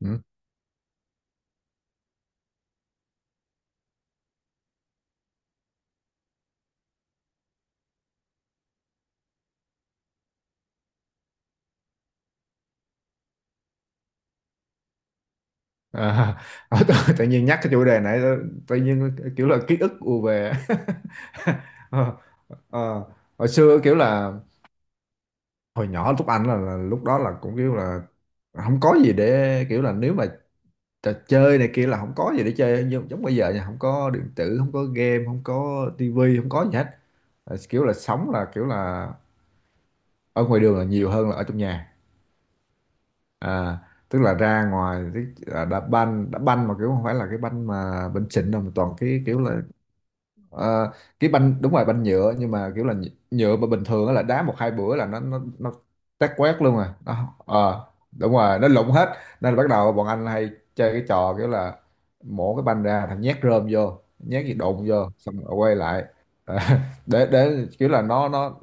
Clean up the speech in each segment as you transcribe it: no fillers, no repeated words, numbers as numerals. Ừ. À, tự nhiên nhắc cái chủ đề này, tự nhiên kiểu là ký ức ùa về. Ờ, ờ. Hồi xưa kiểu là hồi nhỏ, lúc anh là lúc đó là cũng kiểu là không có gì để kiểu là, nếu mà trò chơi này kia là không có gì để chơi, nhưng giống bây giờ nha, không có điện tử, không có game, không có tivi, không có gì hết. Kiểu là sống là kiểu là ở ngoài đường là nhiều hơn là ở trong nhà. à, Tức là ra ngoài, tức là đá banh, đá banh mà kiểu không phải là cái banh mà banh xịn đâu, mà toàn cái kiểu là... Ờ, cái banh, đúng rồi, banh nhựa, nhưng mà kiểu là nhựa nhựa mà bình thường á, là đá một hai bữa là nó tét quét luôn à. Đúng rồi, nó lụng hết. Nên là bắt đầu bọn anh hay chơi cái trò kiểu là mổ cái banh ra, thằng nhét rơm vô, nhét gì đụng vô xong rồi quay lại. Ờ, để kiểu là nó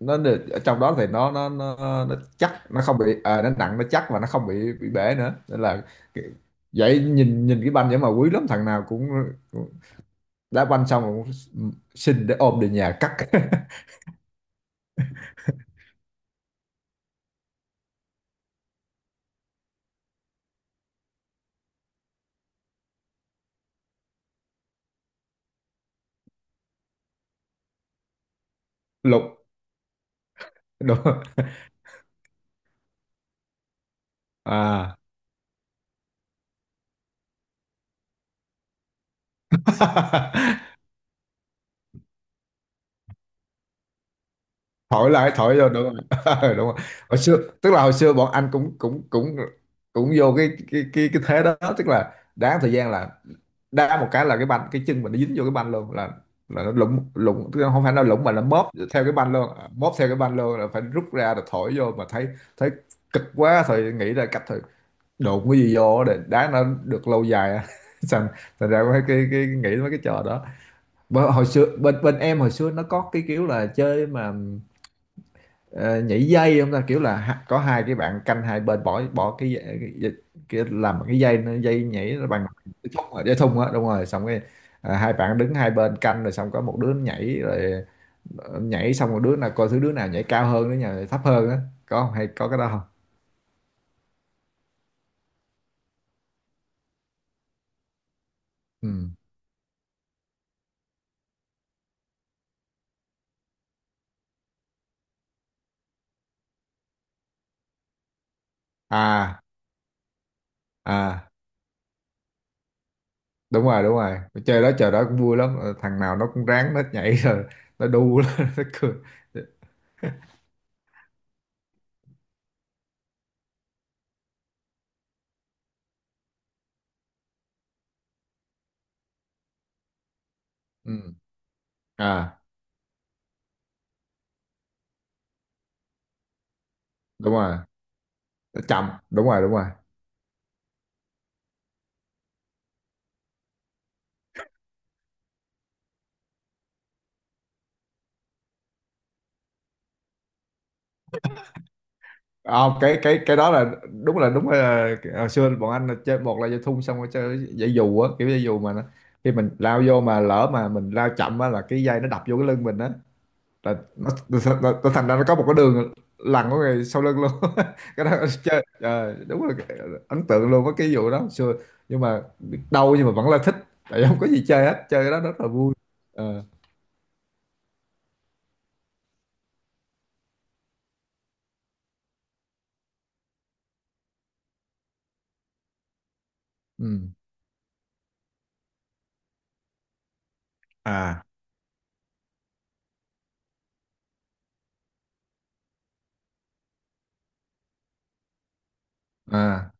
ở trong đó thì nó chắc, nó không bị nó nặng, nó chắc, và nó không bị bể nữa, nên là cái- vậy nhìn nhìn cái banh vậy mà quý lắm, thằng nào cũng đá banh xong rồi xin để ôm về nhà cắt. Lục, đúng rồi. À, thổi lại, thổi vô, đúng rồi. Đúng rồi. Hồi xưa, tức là hồi xưa bọn anh cũng cũng cũng cũng vô cái thế đó, tức là đá thời gian là đá một cái là cái banh, cái chân mình nó dính vô cái banh luôn, là nó lủng lủng, tức là không phải nó lủng mà nó móp theo cái banh luôn, móp theo cái banh luôn là phải rút ra rồi thổi vô, mà thấy thấy cực quá, thôi nghĩ ra cách, thôi đụng cái gì vô để đá nó được lâu dài á. thành thành ra mấy cái nghĩ mấy cái trò đó. Hồi xưa bên bên em hồi xưa nó có cái kiểu là chơi mà, ờ, nhảy dây không ta, kiểu là có hai cái bạn canh hai bên, bỏ bỏ cái, cái, cái làm cái dây dây nhảy nó bằng cái thùng á, dây thun á, đúng rồi, xong cái hai bạn đứng hai bên canh rồi, xong có một đứa nhảy rồi nhảy xong, một đứa nào coi thứ đứa nào nhảy cao hơn, đứa nào nhảy thấp hơn á, có không? Hay có cái đó không? Ừ. À, à, đúng rồi, đúng rồi. Chơi đó trời, đó cũng vui lắm. Ờ, Thằng nào nó cũng ráng nó nhảy rồi nó đu lên, nó cười. Ừ. À, đúng rồi, nó chậm, đúng rồi, đúng rồi. Cái đó là đúng là hồi xưa bọn anh là chơi, một là dây thun, xong rồi chơi dây dù á, kiểu dây dù mà nó, khi mình lao vô mà lỡ mà mình lao chậm á là cái dây nó đập vô cái lưng mình á, là thành ra nó có một cái đường lằn của người sau lưng luôn. Cái đó chơi trời, đúng là ấn tượng luôn với cái vụ đó xưa, nhưng mà biết đâu, nhưng mà vẫn là thích, tại không có gì chơi hết, chơi cái đó rất là vui. Ờ, ừ. À, à,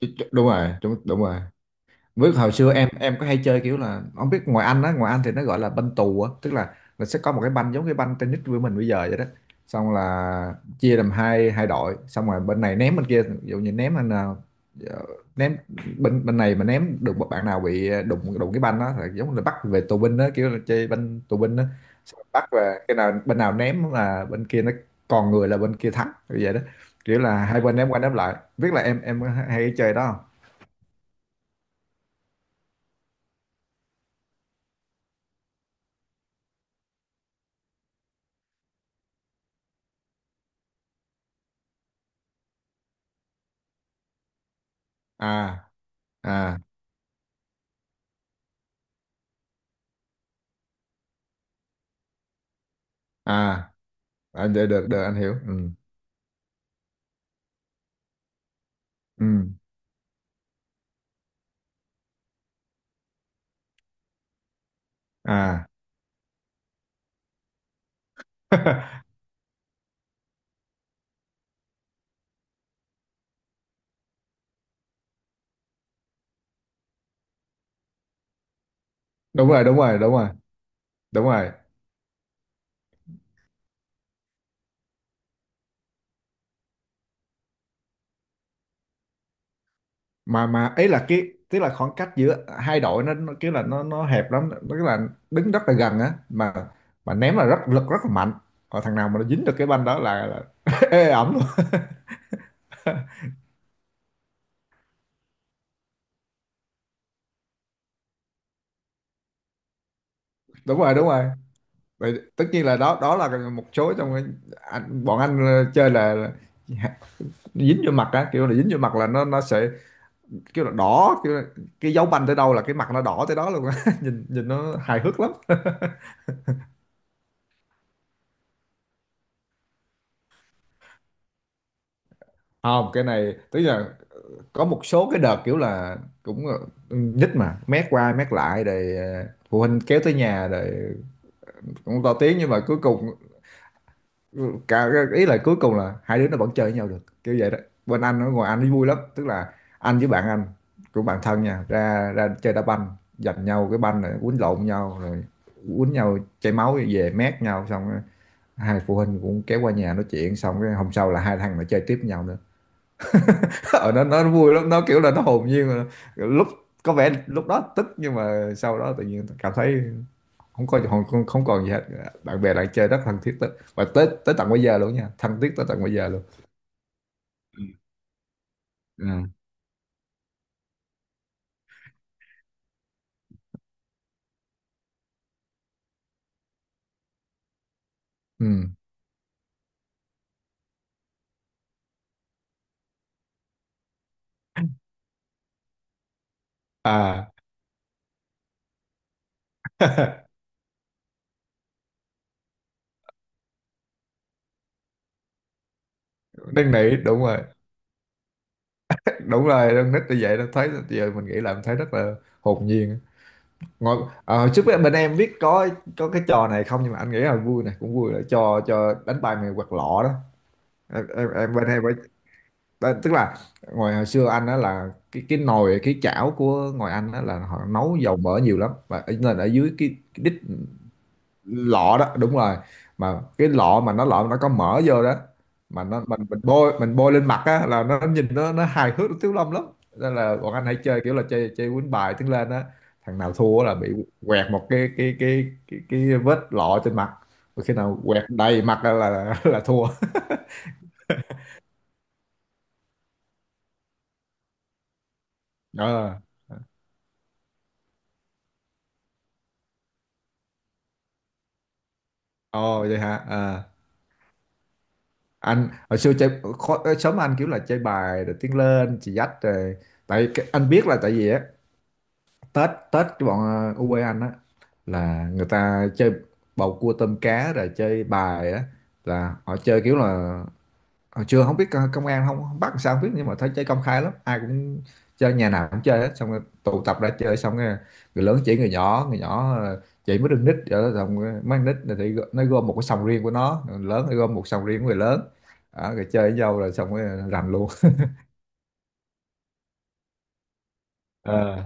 đúng rồi, đúng, đúng rồi. Với hồi xưa em có hay chơi kiểu là, không biết ngoài Anh á, ngoài Anh thì nó gọi là banh tù á, tức là sẽ có một cái banh giống cái banh tennis của mình bây giờ vậy đó. Xong là chia làm hai hai đội, xong rồi bên này ném bên kia, ví dụ như ném anh nào ờ, ném bên bên này mà ném được một bạn nào bị đụng đụng cái banh đó là giống là bắt về tù binh đó, kiểu là chơi banh tù binh đó. Xong rồi bắt về, cái nào bên nào ném là bên kia nó còn người là bên kia thắng, kiểu vậy đó. Kiểu là hai bên ném qua ném lại. Biết là em hay chơi đó không? À, à, à, à, được, được, được, anh hiểu. Ừ, ừ. À, đúng rồi, đúng rồi, đúng rồi, đúng rồi. Mà ấy là cái, tức là khoảng cách giữa hai đội nó kiểu là nó hẹp lắm, nó cái là đứng rất là gần á, mà ném là rất lực, rất là mạnh, còn thằng nào mà nó dính được cái banh đó là ê ẩm luôn. Đúng rồi, đúng rồi. Vậy, tất nhiên là đó, đó là một số trong bọn anh chơi là dính vô mặt á, kiểu là dính vô mặt là nó sẽ kiểu là đỏ kiểu là, cái dấu banh tới đâu là cái mặt nó đỏ tới đó luôn á. Nhìn nhìn nó hài hước lắm. Không, cái này tức là có một số cái đợt kiểu là cũng là mà mét qua mét lại rồi, phụ huynh kéo tới nhà rồi cũng to tiếng, nhưng mà cuối cùng, ừ, cả ý là cuối cùng là hai đứa nó vẫn chơi với nhau được, kiểu vậy đó. Bên anh ở ngoài anh ấy vui lắm, tức là anh với bạn anh, của bạn thân nha, ra ra chơi đá banh, giành nhau cái banh rồi quýnh lộn nhau, rồi quýnh nhau chảy máu về mét nhau, xong hai phụ huynh cũng kéo qua nhà nói chuyện, xong cái hôm sau là hai thằng nó chơi tiếp với nhau nữa. Ở, nó vui lắm, nó kiểu là nó hồn nhiên mà. Lúc có vẻ lúc đó tức, nhưng mà sau đó tự nhiên cảm thấy không có, không, không còn gì hết, bạn bè lại chơi rất thân thiết tới, và tới tới tận bây giờ luôn nha, thân thiết tới tận bây giờ luôn. Ừ. Ừ. À, năn nỉ, đúng rồi, đúng rồi. Con nít như vậy nó thấy, giờ mình nghĩ là mình thấy rất là hồn nhiên. Ngồi trước bên bên em biết có cái trò này không, nhưng mà anh nghĩ là vui này cũng vui, là trò, trò đánh bài mày quạt lọ đó. Em bên em phải, đó, tức là ngoài hồi xưa anh đó là cái nồi cái chảo của ngoài anh đó là họ nấu dầu mỡ nhiều lắm, và nên ở dưới cái đít lọ đó, đúng rồi, mà cái lọ mà nó có mỡ vô đó, mà nó mình bôi, mình bôi lên mặt á là nó nhìn nó hài hước, nó thiếu Lâm lắm. Nên là bọn anh hãy chơi kiểu là chơi chơi quýnh bài tiếng lên á, thằng nào thua là bị quẹt một cái vết lọ trên mặt. Và khi nào quẹt đầy mặt là là thua. ờ Ồ, vậy hả? Ờ. Anh hồi xưa chơi khó, sớm, anh kiểu là chơi bài rồi tiếng lên chị dắt rồi, tại anh biết là tại vì á, Tết Tết cái bọn u ở anh á là người ta chơi bầu cua tôm cá rồi chơi bài á, là họ chơi kiểu là hồi chưa, không biết công an không, không bắt làm sao không biết, nhưng mà thấy chơi công khai lắm, ai cũng chơi, nhà nào cũng chơi hết, xong rồi tụ tập ra chơi, xong rồi người lớn chỉ người nhỏ, người nhỏ chỉ mới đừng nít rồi đó, xong rồi mấy con nít này thì nó gom một cái sòng riêng của nó, người lớn thì gom một sòng riêng của người lớn. Đó, rồi chơi với nhau rồi xong rồi rành luôn. Ờ.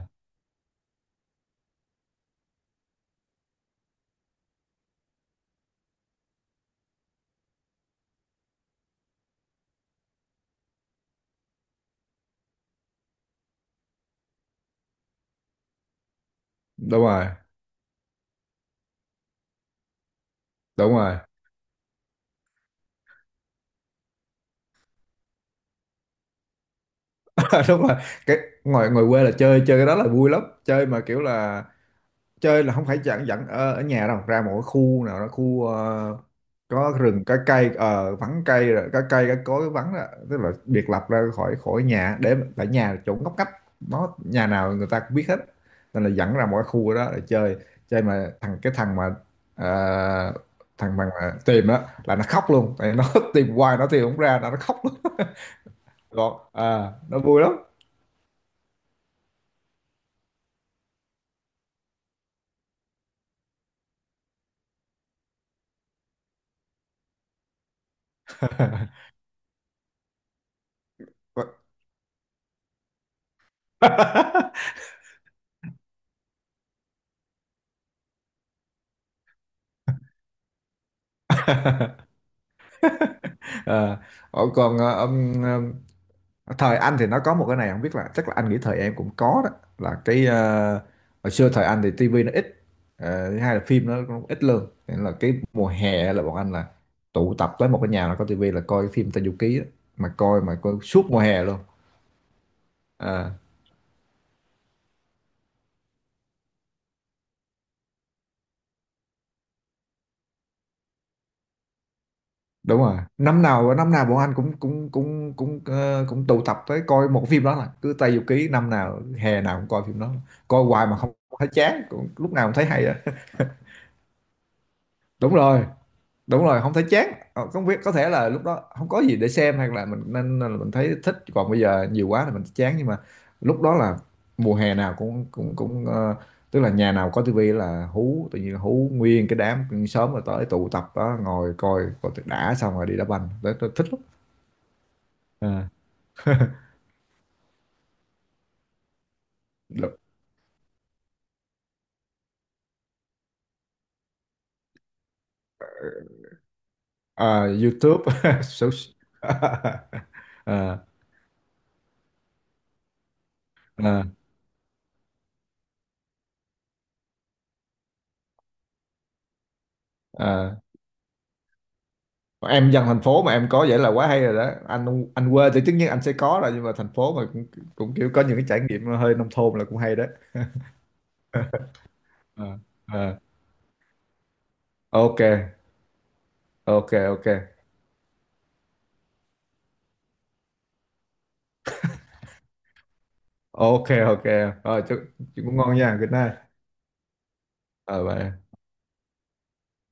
Đúng rồi, đúng rồi. Đúng rồi, cái ngoài ngoài quê là chơi chơi cái đó là vui lắm, chơi mà kiểu là chơi là không phải dẫn dẫn ở nhà đâu, ra một cái khu nào đó, khu có rừng có cây, vắng cây rồi có cây có cối vắng đó. Tức là biệt lập ra khỏi khỏi nhà, để tại nhà là chỗ ngóc ngách, nó nhà nào người ta cũng biết hết, nên là dẫn ra mỗi khu đó để chơi. Chơi mà thằng, cái thằng mà ờ, thằng mà tìm đó là nó khóc luôn, tại nó tìm hoài nó tìm không ra, nó khóc luôn. Còn à, nó vui lắm. Ờ, Còn ông thời anh thì nó có một cái này, không biết là, chắc là anh nghĩ thời em cũng có đó, là cái hồi xưa thời anh thì tivi nó ít. Thứ hai là phim nó cũng ít lương, nên là cái mùa hè là bọn anh là tụ tập tới một cái nhà là có tivi là coi cái phim Tây Du Ký á, mà coi suốt mùa hè luôn. Ờ, Đúng rồi, năm nào, năm nào bọn anh cũng cũng cũng cũng cũng tụ tập tới coi một phim đó là cứ Tây Du Ký, năm nào hè nào cũng coi phim đó, coi hoài mà không thấy chán cũng, lúc nào cũng thấy hay. Đúng rồi, đúng rồi, không thấy chán. Ờ, Không biết có thể là lúc đó không có gì để xem hay là mình nên là mình thấy thích, còn bây giờ nhiều quá thì mình chán, nhưng mà lúc đó là mùa hè nào cũng cũng cũng tức là nhà nào có tivi là hú, tự nhiên hú nguyên cái đám sớm, rồi tới tụ tập đó ngồi coi, coi tuyệt đã, xong rồi đi đá banh tới tôi thích lắm. À, được. À, YouTube, Social- à, à, à. Em dân thành phố mà em có vậy là quá hay rồi đó anh quê thì tất nhiên anh sẽ có rồi, nhưng mà thành phố mà cũng, cũng kiểu có những cái trải nghiệm hơi nông thôn là cũng hay đó. Ờ. Ờ. Ok, ok, ok, ok, ok, rồi chúc ngủ ngon nha, good night. Ờ, bye.